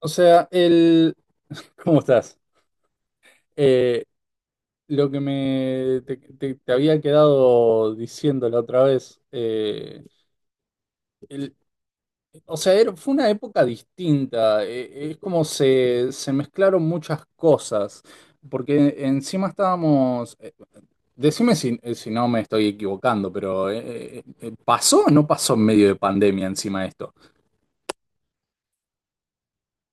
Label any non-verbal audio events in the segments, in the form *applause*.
O sea, ¿Cómo estás? Eh, lo que te había quedado diciendo la otra vez, el- o sea, fue una época distinta. Es como se mezclaron muchas cosas, porque encima estábamos. Decime si, si no me estoy equivocando, pero ¿pasó o no pasó en medio de pandemia encima esto?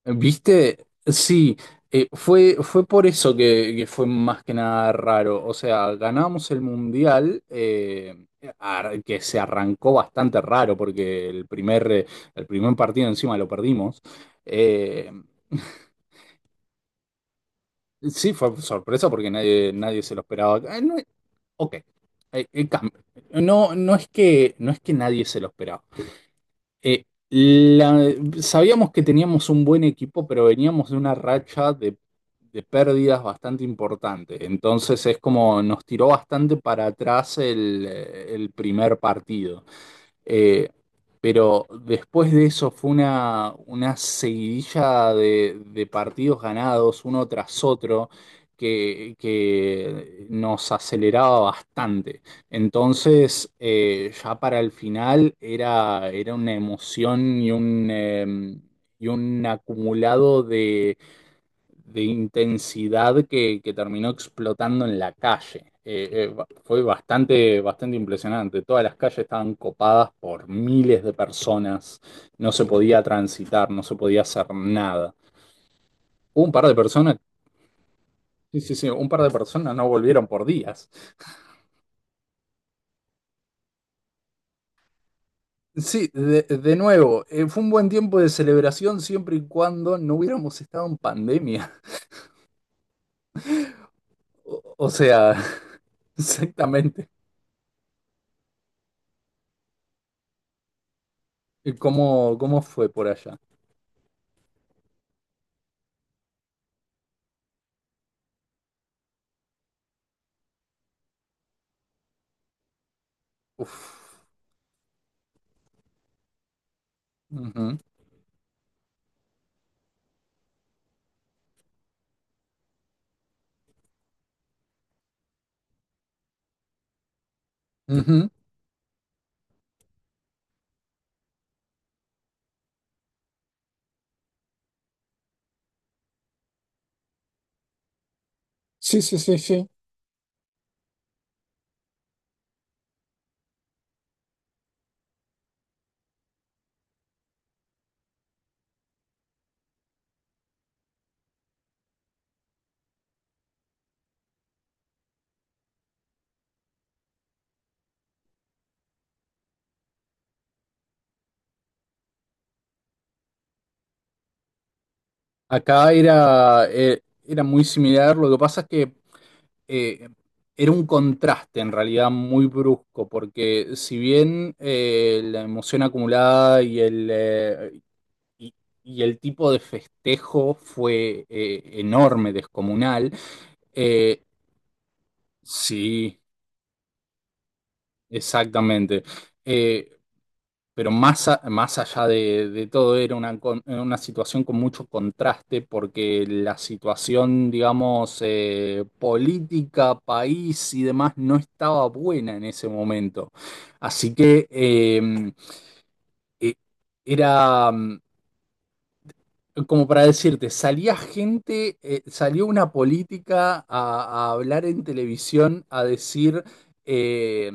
¿Viste? Sí, fue por eso que fue más que nada raro. O sea, ganamos el mundial. Que se arrancó bastante raro, porque el el primer partido encima lo perdimos. Eh, sí, fue sorpresa porque nadie se lo esperaba. No, ok. Eh, eh, cam- no, no es que nadie se lo esperaba. Eh, la- Sabíamos que teníamos un buen equipo, pero veníamos de una racha de pérdidas bastante importante. Entonces es como nos tiró bastante para atrás el primer partido. Eh, pero después de eso fue una seguidilla de partidos ganados uno tras otro que nos aceleraba bastante. Entonces, ya para el final era una emoción y y un acumulado de intensidad que terminó explotando en la calle. Fue bastante impresionante. Todas las calles estaban copadas por miles de personas. No se podía transitar, no se podía hacer nada. Un par de personas, sí, sí, sí, un par de personas no volvieron por días. Sí, de nuevo, fue un buen tiempo de celebración siempre y cuando no hubiéramos estado en pandemia. O sea, *laughs* exactamente. ¿Cómo, cómo fue por allá? Uf. Ujú. Ujú. Sí, sí, sí, sí. Acá era, era muy similar. Lo que pasa es que eh, era un contraste en realidad muy brusco, porque si bien la emoción acumulada y y, y el tipo de festejo fue enorme, descomunal. eh, sí, exactamente. Eh, Pero más, más allá de todo, era una, una situación con mucho contraste, porque la situación, digamos, política, país y demás no estaba buena en ese momento. Así que eh, era. Como para decirte, salía gente, salió una política a hablar en televisión, a decir, eh,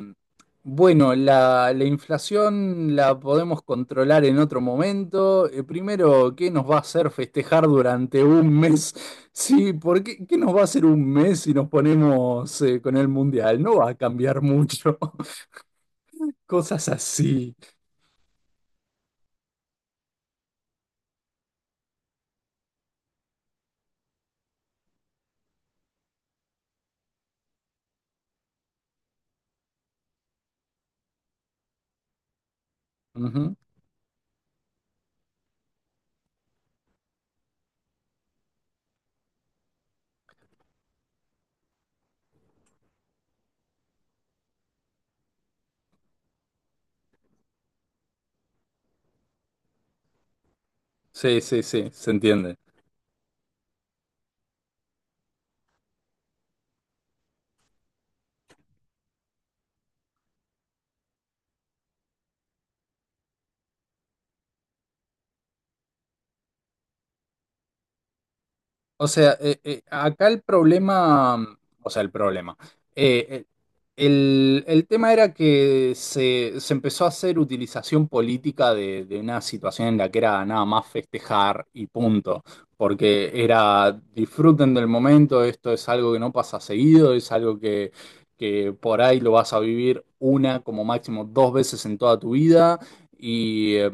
bueno, la inflación la podemos controlar en otro momento. Primero, ¿qué nos va a hacer festejar durante un mes? *laughs* Sí, ¿por qué, qué nos va a hacer un mes si nos ponemos, con el mundial? No va a cambiar mucho. *laughs* Cosas así. Ujú. Sí, sí, sí, se entiende. O sea, acá el problema, o sea, el problema, eh, eh, el tema era que se empezó a hacer utilización política de una situación en la que era nada más festejar y punto, porque era disfruten del momento, esto es algo que no pasa seguido, es algo que por ahí lo vas a vivir una, como máximo dos veces en toda tu vida. Y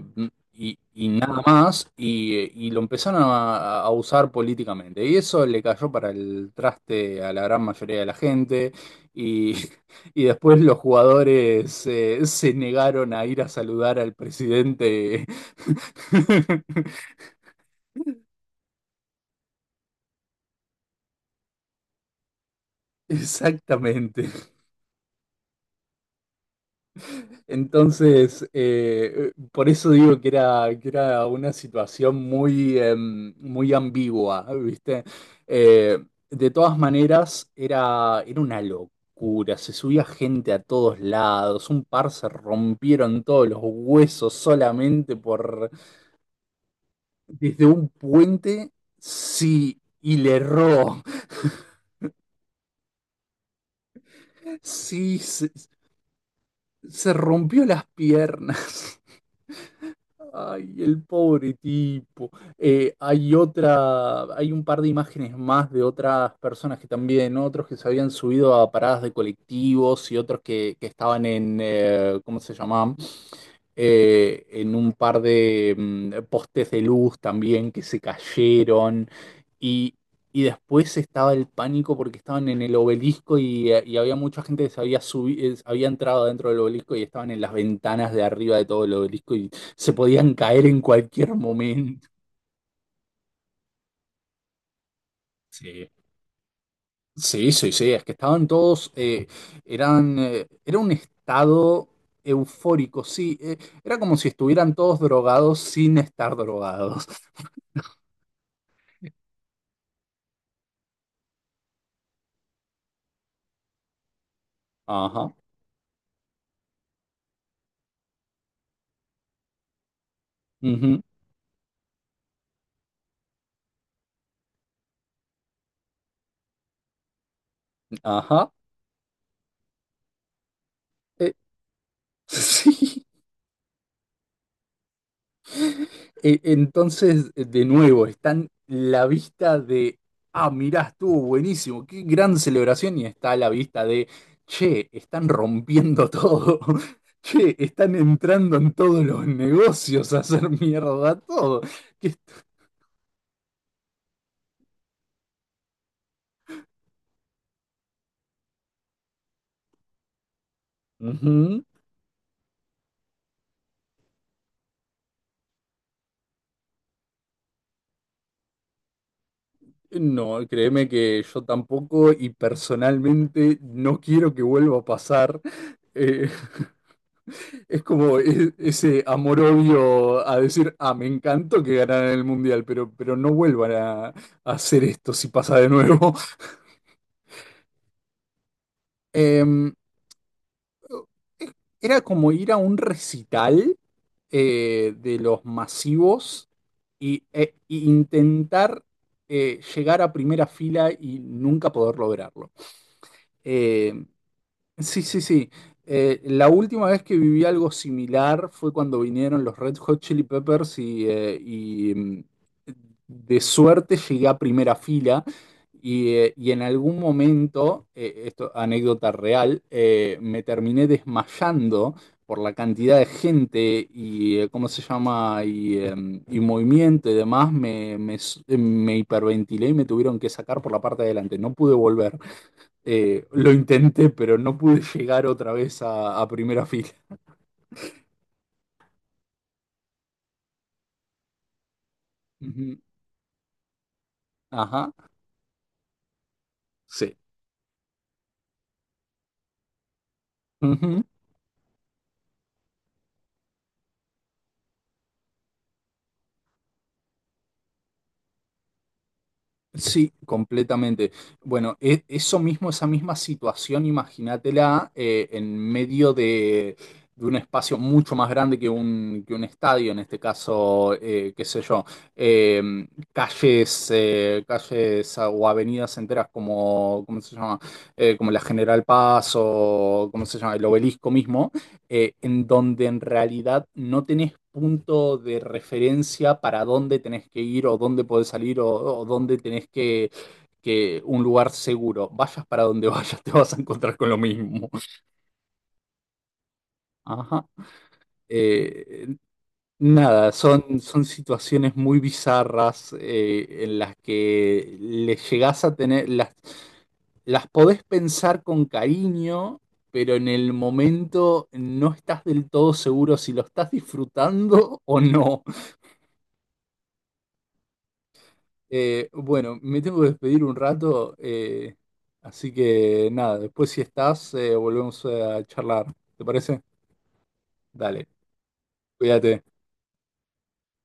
y nada más, y lo empezaron a usar políticamente. Y eso le cayó para el traste a la gran mayoría de la gente, y, *laughs* y después los jugadores se negaron a ir a saludar al presidente. *laughs* Exactamente. Entonces, por eso digo que era una situación muy, muy ambigua, ¿viste? Eh, de todas maneras, era, era una locura, se subía gente a todos lados, un par se rompieron todos los huesos solamente por, desde un puente, sí, y le erró, sí, se rompió las piernas. Ay, el pobre tipo. Hay otra, hay un par de imágenes más de otras personas que también, ¿no? Otros que se habían subido a paradas de colectivos y otros que estaban en, ¿cómo se llamaban? En un par de postes de luz también que se cayeron y, y después estaba el pánico porque estaban en el obelisco y había mucha gente que se había subido, había entrado dentro del obelisco y estaban en las ventanas de arriba de todo el obelisco y se podían caer en cualquier momento. Sí. Sí, sí, sí, es que estaban todos, eran, era un estado eufórico, sí. Era como si estuvieran todos drogados sin estar drogados. Ajá, ujú, ajá. eh, *laughs* sí. Entonces, de nuevo, están la vista de, ah, mirá, estuvo buenísimo, qué gran celebración, y está la vista de, che, están rompiendo todo, *laughs* che, están entrando en todos los negocios a hacer mierda todo. que est- Ujú. No, créeme que yo tampoco y personalmente no quiero que vuelva a pasar. Eh, Es como ese amor-odio a decir, ah, me encantó que ganaran el Mundial, pero no vuelvan a hacer esto si pasa de nuevo. *laughs* Em, eh, Era como ir a un recital de los masivos y, e intentar llegar a primera fila y nunca poder lograrlo. Em, Sí, sí, sí. La última vez que viví algo similar fue cuando vinieron los Red Hot Chili Peppers y, de suerte llegué a primera fila y en algún momento, esto anécdota real, me terminé desmayando por la cantidad de gente y cómo se llama y, y movimiento y demás, me hiperventilé y me tuvieron que sacar por la parte de adelante, no pude volver. Lo intenté, pero no pude *laughs* llegar otra vez a primera fila. Ujú. Ajá, sí. Ujú. Sí, completamente. Bueno, eso mismo, esa misma situación, imagínatela en medio de un espacio mucho más grande que un estadio, en este caso, qué sé yo, eh, calles, calles o avenidas enteras como, ¿cómo se llama? Como la General Paz o, ¿cómo se llama? El obelisco mismo, en donde en realidad no tenés punto de referencia para dónde tenés que ir o dónde podés salir o dónde tenés que un lugar seguro. Vayas para donde *laughs* vayas, te vas a encontrar con lo mismo. Ajá. Eh, Nada, son, son situaciones muy bizarras en las que le llegás a tener, las podés pensar con cariño, pero en el momento no estás del todo seguro si lo estás disfrutando o no. Bueno, me tengo que despedir un rato, así que nada, después si estás, volvemos a charlar. ¿Te parece? Dale, cuídate.